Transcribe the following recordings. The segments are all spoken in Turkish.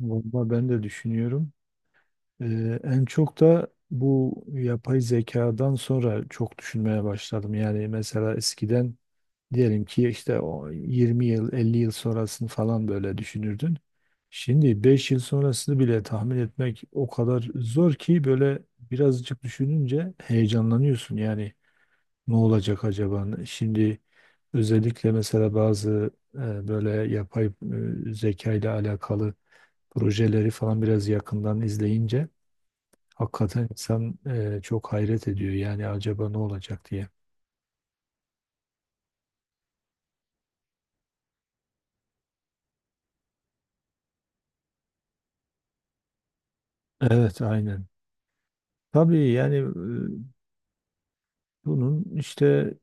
Valla ben de düşünüyorum. En çok da bu yapay zekadan sonra çok düşünmeye başladım. Yani mesela eskiden diyelim ki işte o 20 yıl, 50 yıl sonrasını falan böyle düşünürdün. Şimdi 5 yıl sonrasını bile tahmin etmek o kadar zor ki böyle birazcık düşününce heyecanlanıyorsun. Yani ne olacak acaba? Şimdi özellikle mesela bazı böyle yapay zeka ile alakalı projeleri falan biraz yakından izleyince hakikaten insan çok hayret ediyor. Yani acaba ne olacak diye. Evet, aynen. Tabii yani bunun işte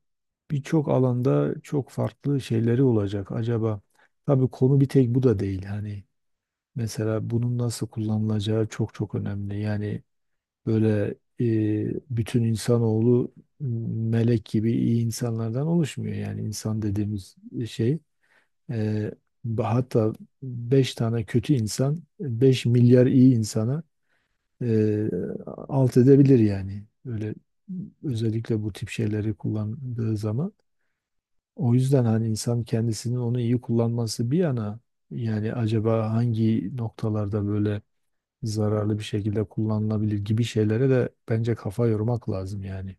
birçok alanda çok farklı şeyleri olacak acaba. Tabii konu bir tek bu da değil. Hani mesela bunun nasıl kullanılacağı çok çok önemli. Yani böyle bütün insanoğlu melek gibi iyi insanlardan oluşmuyor. Yani insan dediğimiz şey. Ee, Hatta 5 tane kötü insan 5 milyar iyi insana e, alt edebilir yani. Öyle özellikle bu tip şeyleri kullandığı zaman. O yüzden hani insan kendisinin onu iyi kullanması bir yana, yani acaba hangi noktalarda böyle zararlı bir şekilde kullanılabilir gibi şeylere de bence kafa yormak lazım yani.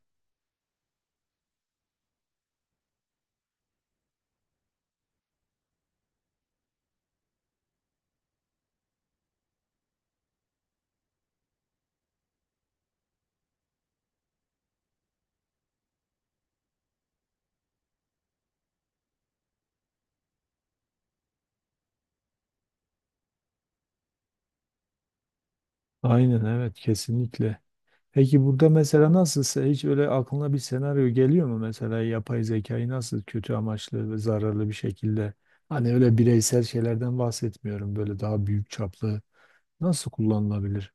Aynen, evet, kesinlikle. Peki burada mesela nasılsa hiç öyle aklına bir senaryo geliyor mu, mesela yapay zekayı nasıl kötü amaçlı ve zararlı bir şekilde, hani öyle bireysel şeylerden bahsetmiyorum, böyle daha büyük çaplı nasıl kullanılabilir?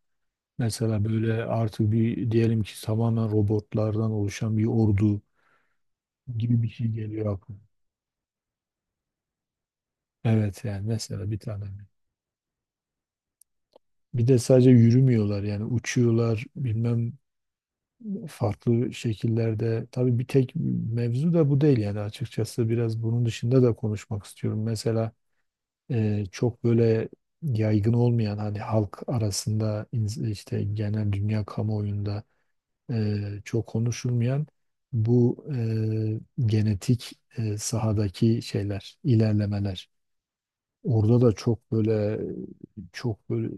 Mesela böyle artık bir diyelim ki tamamen robotlardan oluşan bir ordu gibi bir şey geliyor aklıma. Evet yani mesela bir tane. Bir de sadece yürümüyorlar, yani uçuyorlar bilmem farklı şekillerde, tabii bir tek mevzu da bu değil yani, açıkçası biraz bunun dışında da konuşmak istiyorum. Mesela çok böyle yaygın olmayan, hani halk arasında, işte genel dünya kamuoyunda çok konuşulmayan bu genetik sahadaki şeyler, ilerlemeler. Orada da çok böyle.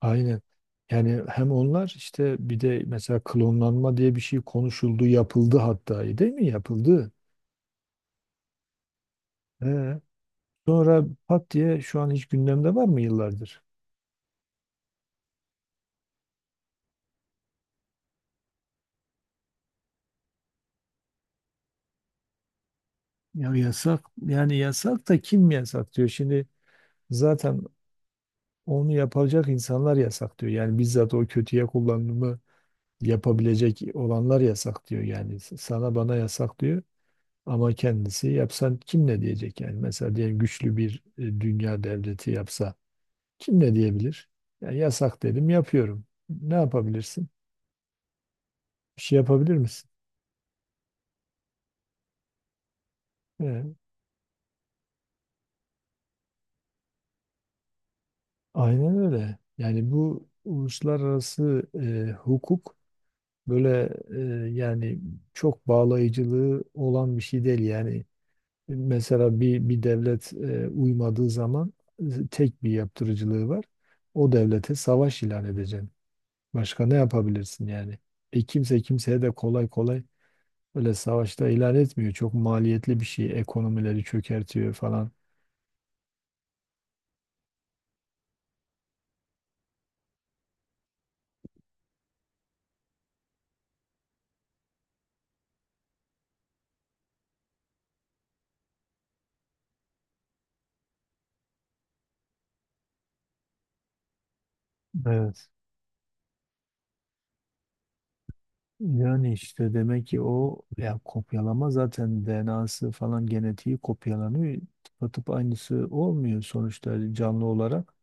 Aynen. Yani hem onlar işte, bir de mesela klonlanma diye bir şey konuşuldu, yapıldı hatta, değil mi? Yapıldı. He. Sonra pat diye şu an hiç gündemde var mı yıllardır? Ya yasak, yani yasak da kim yasak diyor. Şimdi zaten onu yapacak insanlar yasak diyor. Yani bizzat o kötüye kullanımı yapabilecek olanlar yasak diyor. Yani sana bana yasak diyor. Ama kendisi yapsan kim ne diyecek yani? Mesela diyelim güçlü bir dünya devleti yapsa, kim ne diyebilir? Yani yasak dedim, yapıyorum. Ne yapabilirsin? Bir şey yapabilir misin? Ee, aynen öyle. Yani bu uluslararası hukuk böyle yani çok bağlayıcılığı olan bir şey değil. Yani mesela bir devlet uymadığı zaman tek bir yaptırıcılığı var. O devlete savaş ilan edeceksin. Başka ne yapabilirsin yani? Kimse kimseye de kolay kolay öyle savaşta ilan etmiyor. Çok maliyetli bir şey. Ekonomileri çökertiyor falan. Evet. Yani işte demek ki o ya kopyalama, zaten DNA'sı falan genetiği kopyalanıyor. Tıpatıp aynısı olmuyor sonuçta canlı olarak.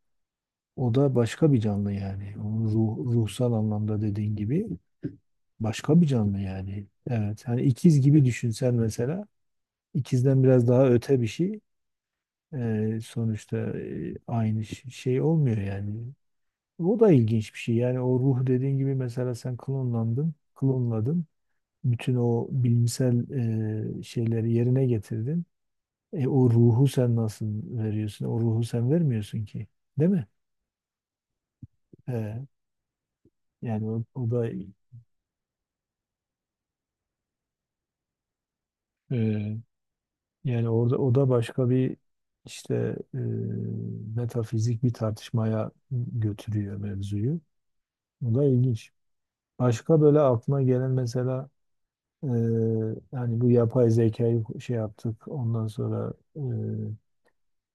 O da başka bir canlı yani. Onun ruh, ruhsal anlamda dediğin gibi başka bir canlı yani. Evet. Hani ikiz gibi düşünsen mesela, ikizden biraz daha öte bir şey. Sonuçta aynı şey olmuyor yani. O da ilginç bir şey. Yani o ruh dediğin gibi, mesela sen klonlandın, klonladın. Bütün o bilimsel şeyleri yerine getirdin. E, o ruhu sen nasıl veriyorsun? O ruhu sen vermiyorsun ki. Değil mi? E, Yani o da e, yani orada o da başka bir işte e, metafizik bir tartışmaya götürüyor mevzuyu. O da ilginç. Başka böyle aklına gelen mesela. Ee, Yani bu yapay zekayı şey yaptık. Ondan sonra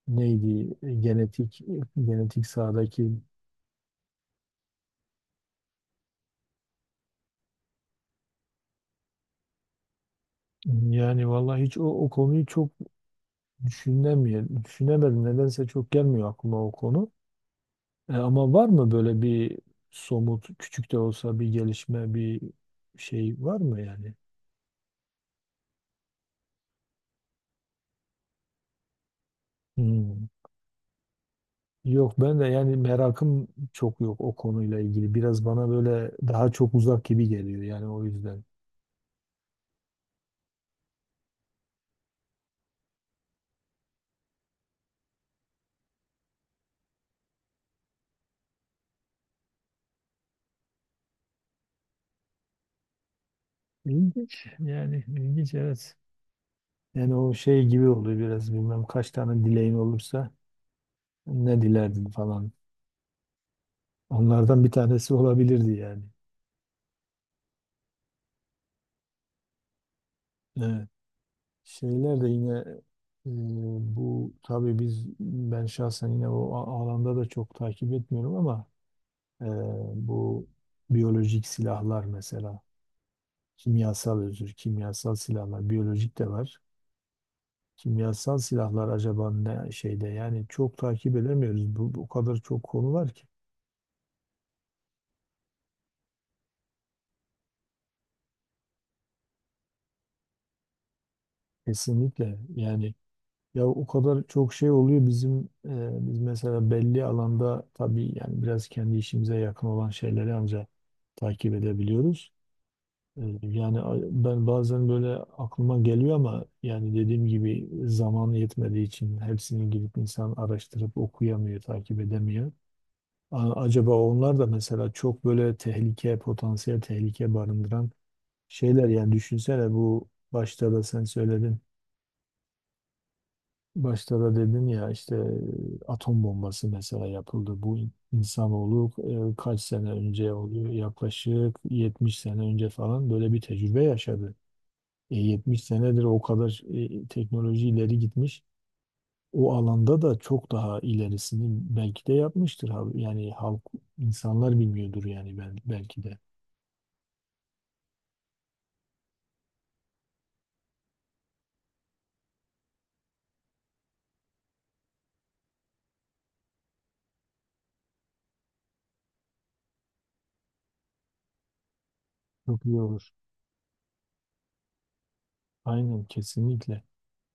neydi? Genetik sahadaki, yani vallahi hiç o konuyu çok düşünemiyorum. Düşünemedim. Nedense çok gelmiyor aklıma o konu. Ama var mı böyle bir somut küçük de olsa bir gelişme, bir şey var mı yani? Hmm. Yok, ben de yani merakım çok yok o konuyla ilgili. Biraz bana böyle daha çok uzak gibi geliyor yani, o yüzden. İlginç yani, ilginç, evet. Yani o şey gibi oluyor biraz, bilmem kaç tane dileğin olursa ne dilerdin falan. Onlardan bir tanesi olabilirdi yani. Evet. Şeyler de yine e, bu tabii biz, ben şahsen yine o alanda da çok takip etmiyorum ama e, bu biyolojik silahlar mesela, kimyasal, özür, kimyasal silahlar, biyolojik de var. Kimyasal silahlar acaba ne şeyde, yani çok takip edemiyoruz. Bu kadar çok konu var ki. Kesinlikle yani, ya o kadar çok şey oluyor bizim biz mesela belli alanda, tabii yani biraz kendi işimize yakın olan şeyleri ancak takip edebiliyoruz. Yani ben bazen böyle aklıma geliyor ama, yani dediğim gibi zaman yetmediği için hepsini gidip insan araştırıp okuyamıyor, takip edemiyor. Acaba onlar da mesela çok böyle tehlike, potansiyel tehlike barındıran şeyler, yani düşünsene, bu başta da sen söyledin. Başta da dedin ya işte atom bombası mesela yapıldı. Bu insanoğlu kaç sene önce oluyor? Yaklaşık 70 sene önce falan böyle bir tecrübe yaşadı. E, 70 senedir o kadar teknoloji ileri gitmiş. O alanda da çok daha ilerisini belki de yapmıştır. Yani halk, insanlar bilmiyordur yani, ben, belki de. Çok iyi olur. Aynen, kesinlikle.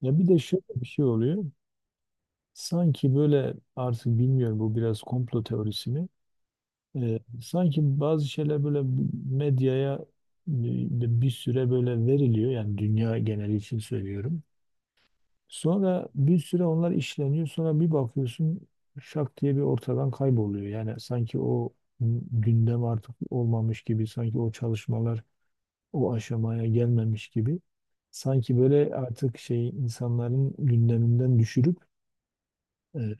Ya bir de şöyle bir şey oluyor. Sanki böyle artık bilmiyorum, bu biraz komplo teorisi mi? Sanki bazı şeyler böyle medyaya bir süre böyle veriliyor, yani dünya geneli için söylüyorum. Sonra bir süre onlar işleniyor, sonra bir bakıyorsun şak diye bir ortadan kayboluyor. Yani sanki o gündem artık olmamış gibi, sanki o çalışmalar o aşamaya gelmemiş gibi. Sanki böyle artık şey, insanların gündeminden düşürüp e, e,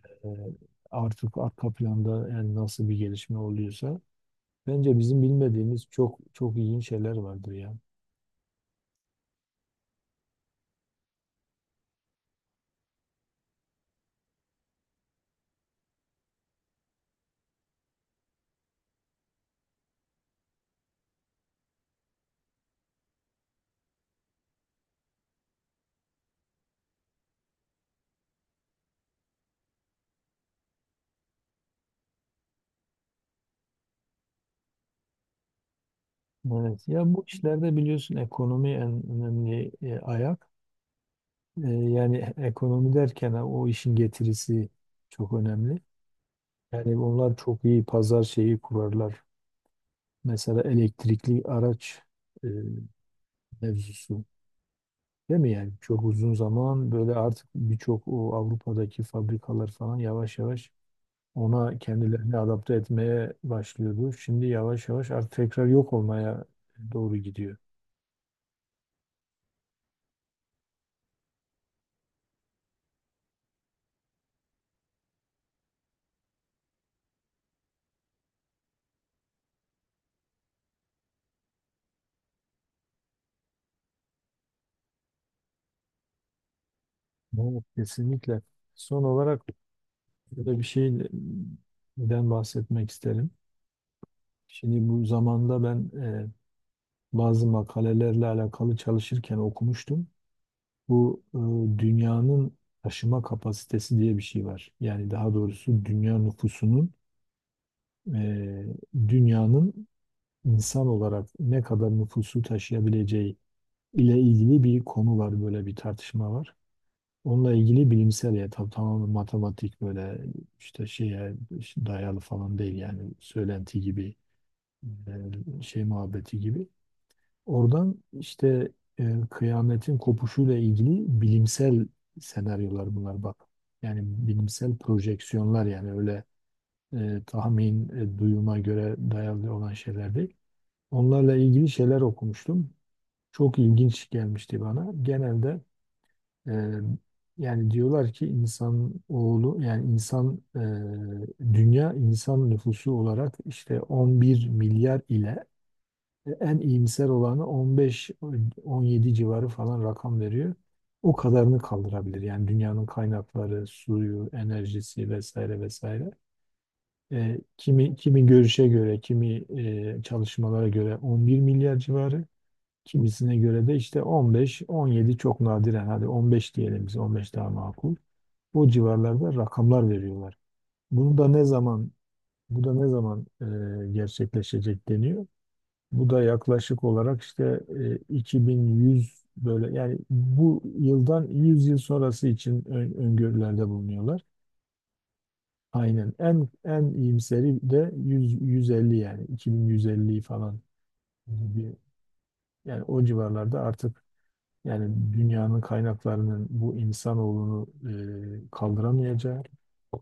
artık arka planda yani nasıl bir gelişme oluyorsa. Bence bizim bilmediğimiz çok çok iyi şeyler vardır ya. Evet. Ya bu işlerde biliyorsun ekonomi en önemli ayak. Yani ekonomi derken o işin getirisi çok önemli. Yani onlar çok iyi pazar şeyi kurarlar. Mesela elektrikli araç e, mevzusu. Değil mi yani? Çok uzun zaman böyle artık birçok o Avrupa'daki fabrikalar falan yavaş yavaş ona kendilerini adapte etmeye başlıyordu. Şimdi yavaş yavaş artık tekrar yok olmaya doğru gidiyor. Evet, kesinlikle. Son olarak burada bir şeyden bahsetmek isterim. Şimdi bu zamanda ben bazı makalelerle alakalı çalışırken okumuştum. Bu dünyanın taşıma kapasitesi diye bir şey var. Yani daha doğrusu dünya nüfusunun e, dünyanın insan olarak ne kadar nüfusu taşıyabileceği ile ilgili bir konu var, böyle bir tartışma var. Onunla ilgili bilimsel, ya tam tamamen matematik böyle işte şeye dayalı falan değil, yani söylenti gibi şey muhabbeti gibi. Oradan işte kıyametin kopuşuyla ilgili bilimsel senaryolar bunlar, bak. Yani bilimsel projeksiyonlar, yani öyle tahmin, duyuma göre dayalı olan şeyler değil. Onlarla ilgili şeyler okumuştum. Çok ilginç gelmişti bana. Genelde. Ee, Yani diyorlar ki insan oğlu, yani insan, dünya insan nüfusu olarak işte 11 milyar ile en iyimser olanı 15-17 civarı falan rakam veriyor. O kadarını kaldırabilir. Yani dünyanın kaynakları, suyu, enerjisi vesaire vesaire. Kimi görüşe göre, kimi çalışmalara göre 11 milyar civarı. Kimisine göre de işte 15, 17, çok nadiren, hadi 15 diyelim biz, 15 daha makul. O civarlarda rakamlar veriyorlar. Bunu da ne zaman Bu da ne zaman gerçekleşecek deniyor. Bu da yaklaşık olarak işte 2100 böyle, yani bu yıldan 100 yıl sonrası için öngörülerde bulunuyorlar. Aynen, en iyimseri de 100, 150 yani 2150'yi falan gibi, yani o civarlarda artık. Yani dünyanın kaynaklarının bu insanoğlunu kaldıramayacağı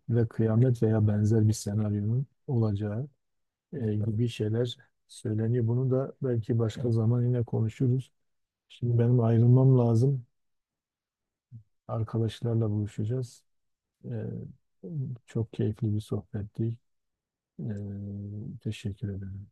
ve kıyamet veya benzer bir senaryonun olacağı gibi şeyler söyleniyor. Bunu da belki başka zaman yine konuşuruz. Şimdi benim ayrılmam lazım. Arkadaşlarla buluşacağız. E, çok keyifli bir sohbetti. Teşekkür ederim.